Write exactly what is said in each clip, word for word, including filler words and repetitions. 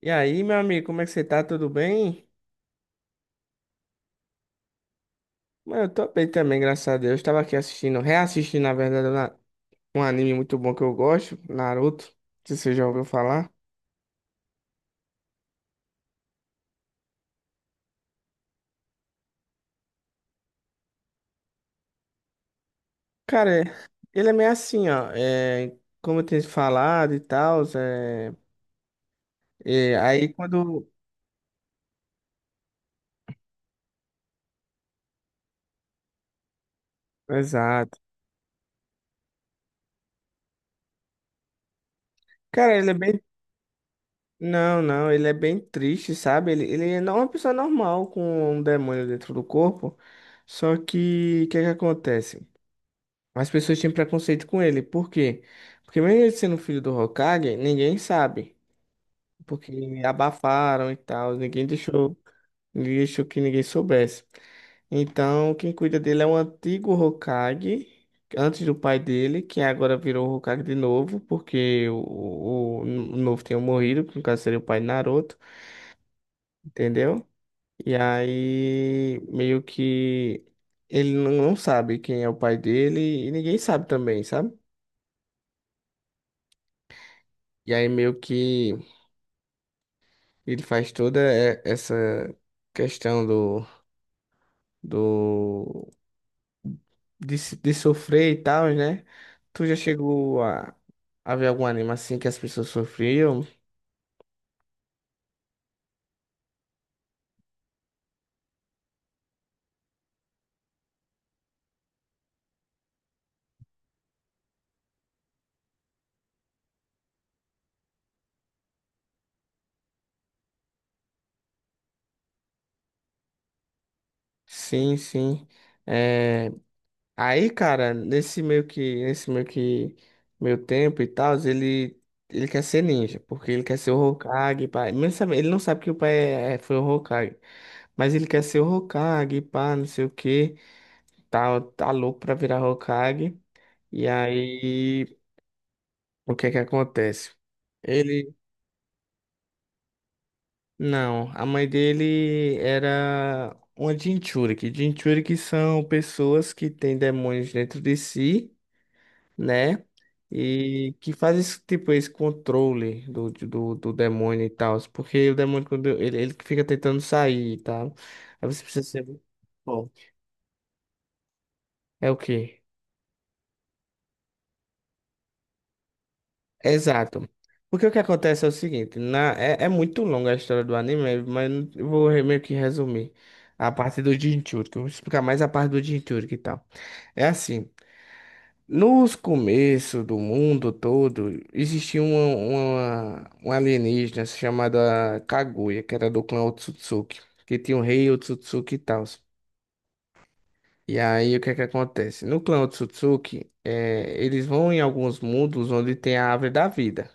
E aí, meu amigo, como é que você tá? Tudo bem? Mano, eu tô bem também, graças a Deus. Tava aqui assistindo, reassistindo, na verdade, uma- um anime muito bom que eu gosto, Naruto. Não sei se você já ouviu falar. Cara, é- ele é meio assim, ó. É, como eu tenho falado e tal, é, é, aí quando. Exato. Cara, ele é bem. Não, não, ele é bem triste, sabe? Ele, ele é não- uma pessoa normal com um demônio dentro do corpo. Só que, o que que acontece? As pessoas tinham preconceito com ele. Por quê? Porque mesmo ele sendo filho do Hokage, ninguém sabe. Porque abafaram e tal, ninguém deixou, ninguém deixou que ninguém soubesse. Então, quem cuida dele é um antigo Hokage, antes do pai dele, que agora virou Hokage de novo, porque o, o, o novo tinha morrido, que no caso seria o pai de Naruto, entendeu? E aí, meio que ele não não sabe quem é o pai dele e ninguém sabe também, sabe? E aí meio que ele faz toda é, essa questão do, do de, se- de sofrer e tal, né? Tu já chegou a, a ver algum anime assim que as pessoas sofriam? Sim, sim. É, aí, cara, nesse meio que nesse meio que meu tempo e tal, ele ele quer ser ninja, porque ele quer ser o Hokage, pai. Mesmo sabe- Ele não sabe que o pai é- é, foi o Hokage. Mas ele quer ser o Hokage, pá, não sei o quê. tá, tá louco pra virar Hokage. E aí, o que é que acontece? Ele, não, a mãe dele era uma Jinchuriki. Jinchuriki são pessoas que têm demônios dentro de si, né? E que fazem esse, tipo esse controle do, do, do demônio e tal. Porque o demônio, quando ele, ele fica tentando sair e tal. Aí você precisa ser muito forte. É o quê? Exato. Porque o que acontece é o seguinte, na, é, é muito longa a história do anime, mas eu vou re- meio que resumir a parte do Jinchuriki. Eu vou explicar mais a parte do Jinchuriki e tal. É assim, nos começos do mundo todo, existia uma, uma, uma alienígena chamada Kaguya, que era do clã Otsutsuki, que tinha o rei Otsutsuki e tal. E aí, o que é que acontece? No clã Otsutsuki, é, eles vão em alguns mundos onde tem a árvore da vida.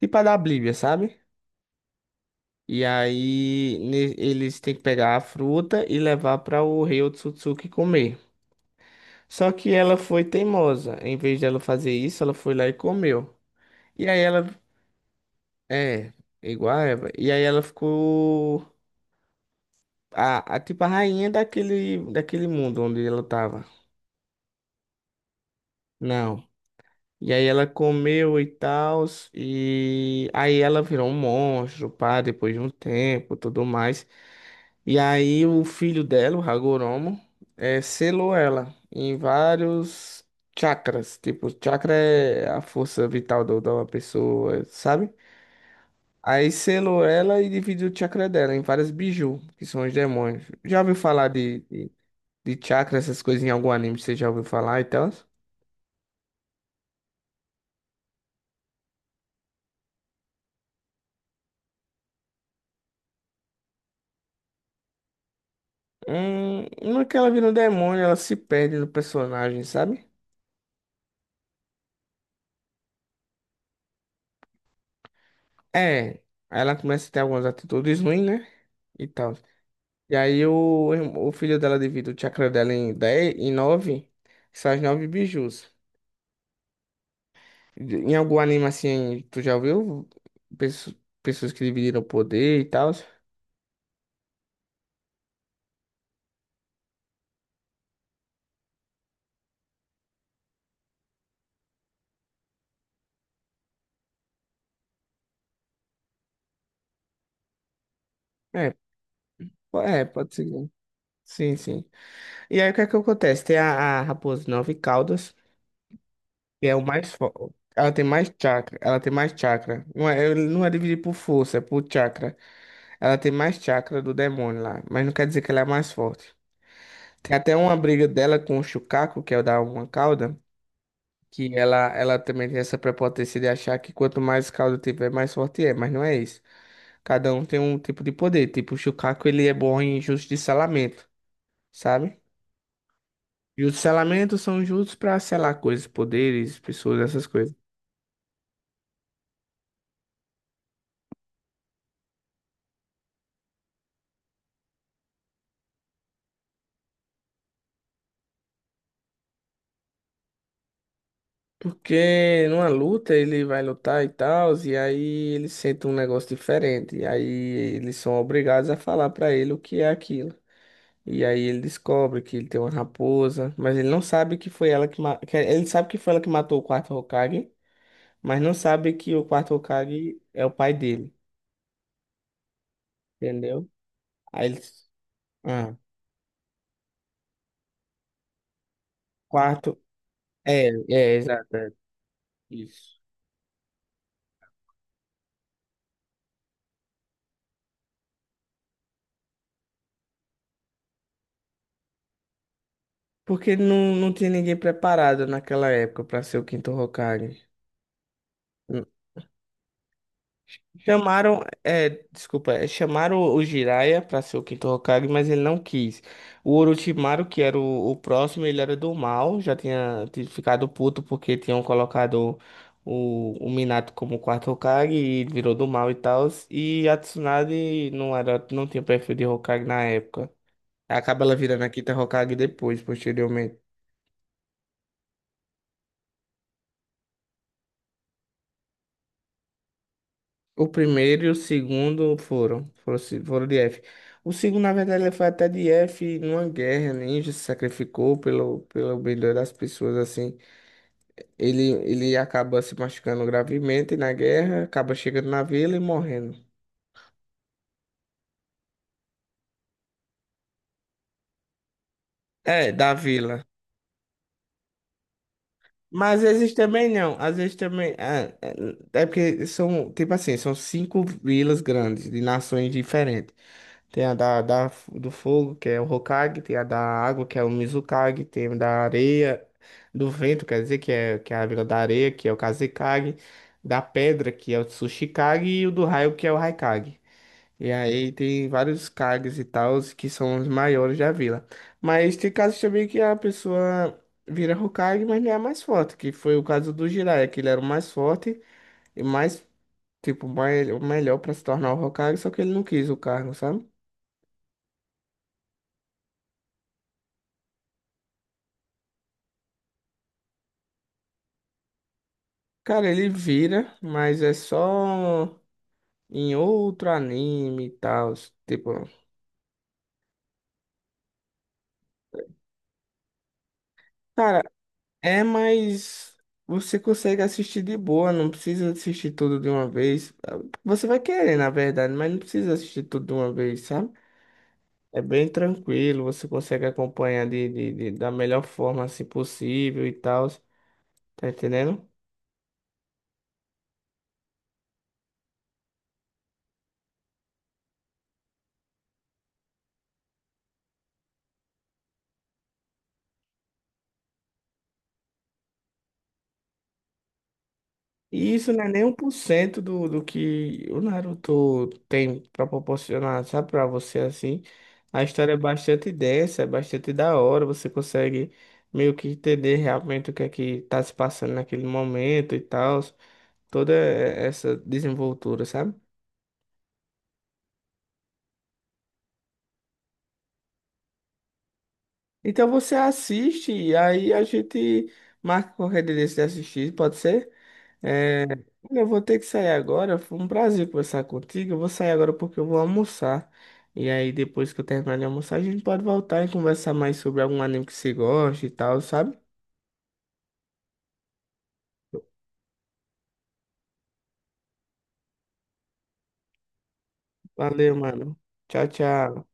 Tipo a da Bíblia, sabe? E aí ne- eles têm que pegar a fruta e levar para o rei Otsutsuki comer. Só que ela foi teimosa. Em vez dela fazer isso, ela foi lá e comeu. E aí ela é igual a Eva. E aí ela ficou a, a tipo a rainha daquele daquele mundo onde ela tava. Não. E aí ela comeu e tal, e aí ela virou um monstro, pá, depois de um tempo, tudo mais. E aí o filho dela, o Hagoromo, eh, selou ela em vários chakras. Tipo, chakra é a força vital do- da uma pessoa, sabe? Aí selou ela e dividiu o chakra dela em várias biju, que são os demônios. Já ouviu falar de, de, de chakra, essas coisas em algum anime? Você já ouviu falar e tal? Hum, no que ela vira um demônio, ela se perde no personagem, sabe? É, aí ela começa a ter algumas atitudes ruins, né? E tal. E aí o, irm- o filho dela divide o chakra dela em dez em nove são as nove bijus. De- Em algum anime assim, tu já viu pesso- pessoas que dividiram o poder e tal? É, po- é, pode ser, né? Sim, sim. E aí o que é que acontece? Tem a, a raposa de nove caudas, que é o mais forte. Ela tem mais chakra, ela tem mais chakra. Não é, ele não é dividir por força, é por chakra. Ela tem mais chakra do demônio lá, mas não quer dizer que ela é a mais forte. Tem até uma briga dela com o Shukaku, que é o da uma cauda, que ela, ela também tem essa prepotência de achar que quanto mais caldo tiver, mais forte é, mas não é isso. Cada um tem um tipo de poder. Tipo, o Shukaku, ele é bom em justiçalamento, sabe? E os selamentos são justos pra selar coisas, poderes, pessoas, essas coisas. Porque numa luta ele vai lutar e tal, e aí ele sente um negócio diferente. E aí eles são obrigados a falar pra ele o que é aquilo. E aí ele descobre que ele tem uma raposa, mas ele não sabe que foi ela que, ma- que- é, ele sabe que foi ela que matou o quarto Hokage, mas não sabe que o quarto Hokage é o pai dele, entendeu? Aí ele, ah, quarto, é, é, exato, é, isso. Porque não, não tinha ninguém preparado naquela época para ser o quinto Hokage. Chamaram, é, desculpa, é, chamaram o Jiraiya para ser o quinto Hokage, mas ele não quis. O Orochimaru, que era o, o próximo, ele era do mal, já tinha ti- ficado puto porque tinham colocado o, o Minato como quarto Hokage e ele virou do mal e tal. E a Tsunade não era, não tinha perfil de Hokage na época. Acaba ela virando a quinta Hokage depois, posteriormente. O primeiro e o segundo foram, foram, se- foram de F. O segundo, na verdade, ele foi até de F numa guerra, ninja se sacrificou pelo, pelo bem das pessoas, assim. Ele, ele acaba se machucando gravemente na guerra, acaba chegando na vila e morrendo. É, da vila. Mas às vezes também não. Às vezes também. É, é é porque são, tipo assim, são cinco vilas grandes, de nações diferentes. Tem a da, da, do fogo, que é o Hokage, tem a da água, que é o Mizukage, tem a da areia, do vento, quer dizer, que é, que é, a vila da areia, que é o Kazekage, da pedra, que é o Tsuchikage, e o do raio, que é o Raikage. E aí tem vários cargos e tals que são os maiores da vila. Mas tem casos também que a pessoa vira Hokage, mas não é a mais forte, que foi o caso do Jiraiya, que ele era o mais forte e mais, tipo, mais, o melhor para se tornar o Hokage, só que ele não quis o cargo, sabe? Cara, ele vira, mas é só em outro anime e tal. Tipo, cara, É, mas você consegue assistir de boa, não precisa assistir tudo de uma vez. Você vai querer, na verdade, mas não precisa assistir tudo de uma vez, sabe? É bem tranquilo, você consegue acompanhar de, de- de- da melhor forma assim possível e tal. Tá entendendo? E isso não é nem um por cento do, do que o Naruto tem pra proporcionar, sabe, pra você assim. A história é bastante densa, é bastante da hora, você consegue meio que entender realmente o que é que tá se passando naquele momento e tal, toda essa desenvoltura, sabe? Então você assiste e aí a gente marca qualquer dia desse de assistir, pode ser? É, olha, eu vou ter que sair agora. Foi um prazer conversar contigo. Eu vou sair agora porque eu vou almoçar. E aí, depois que eu terminar de almoçar, a gente pode voltar e conversar mais sobre algum anime que você gosta e tal, sabe? Valeu, mano. Tchau, tchau.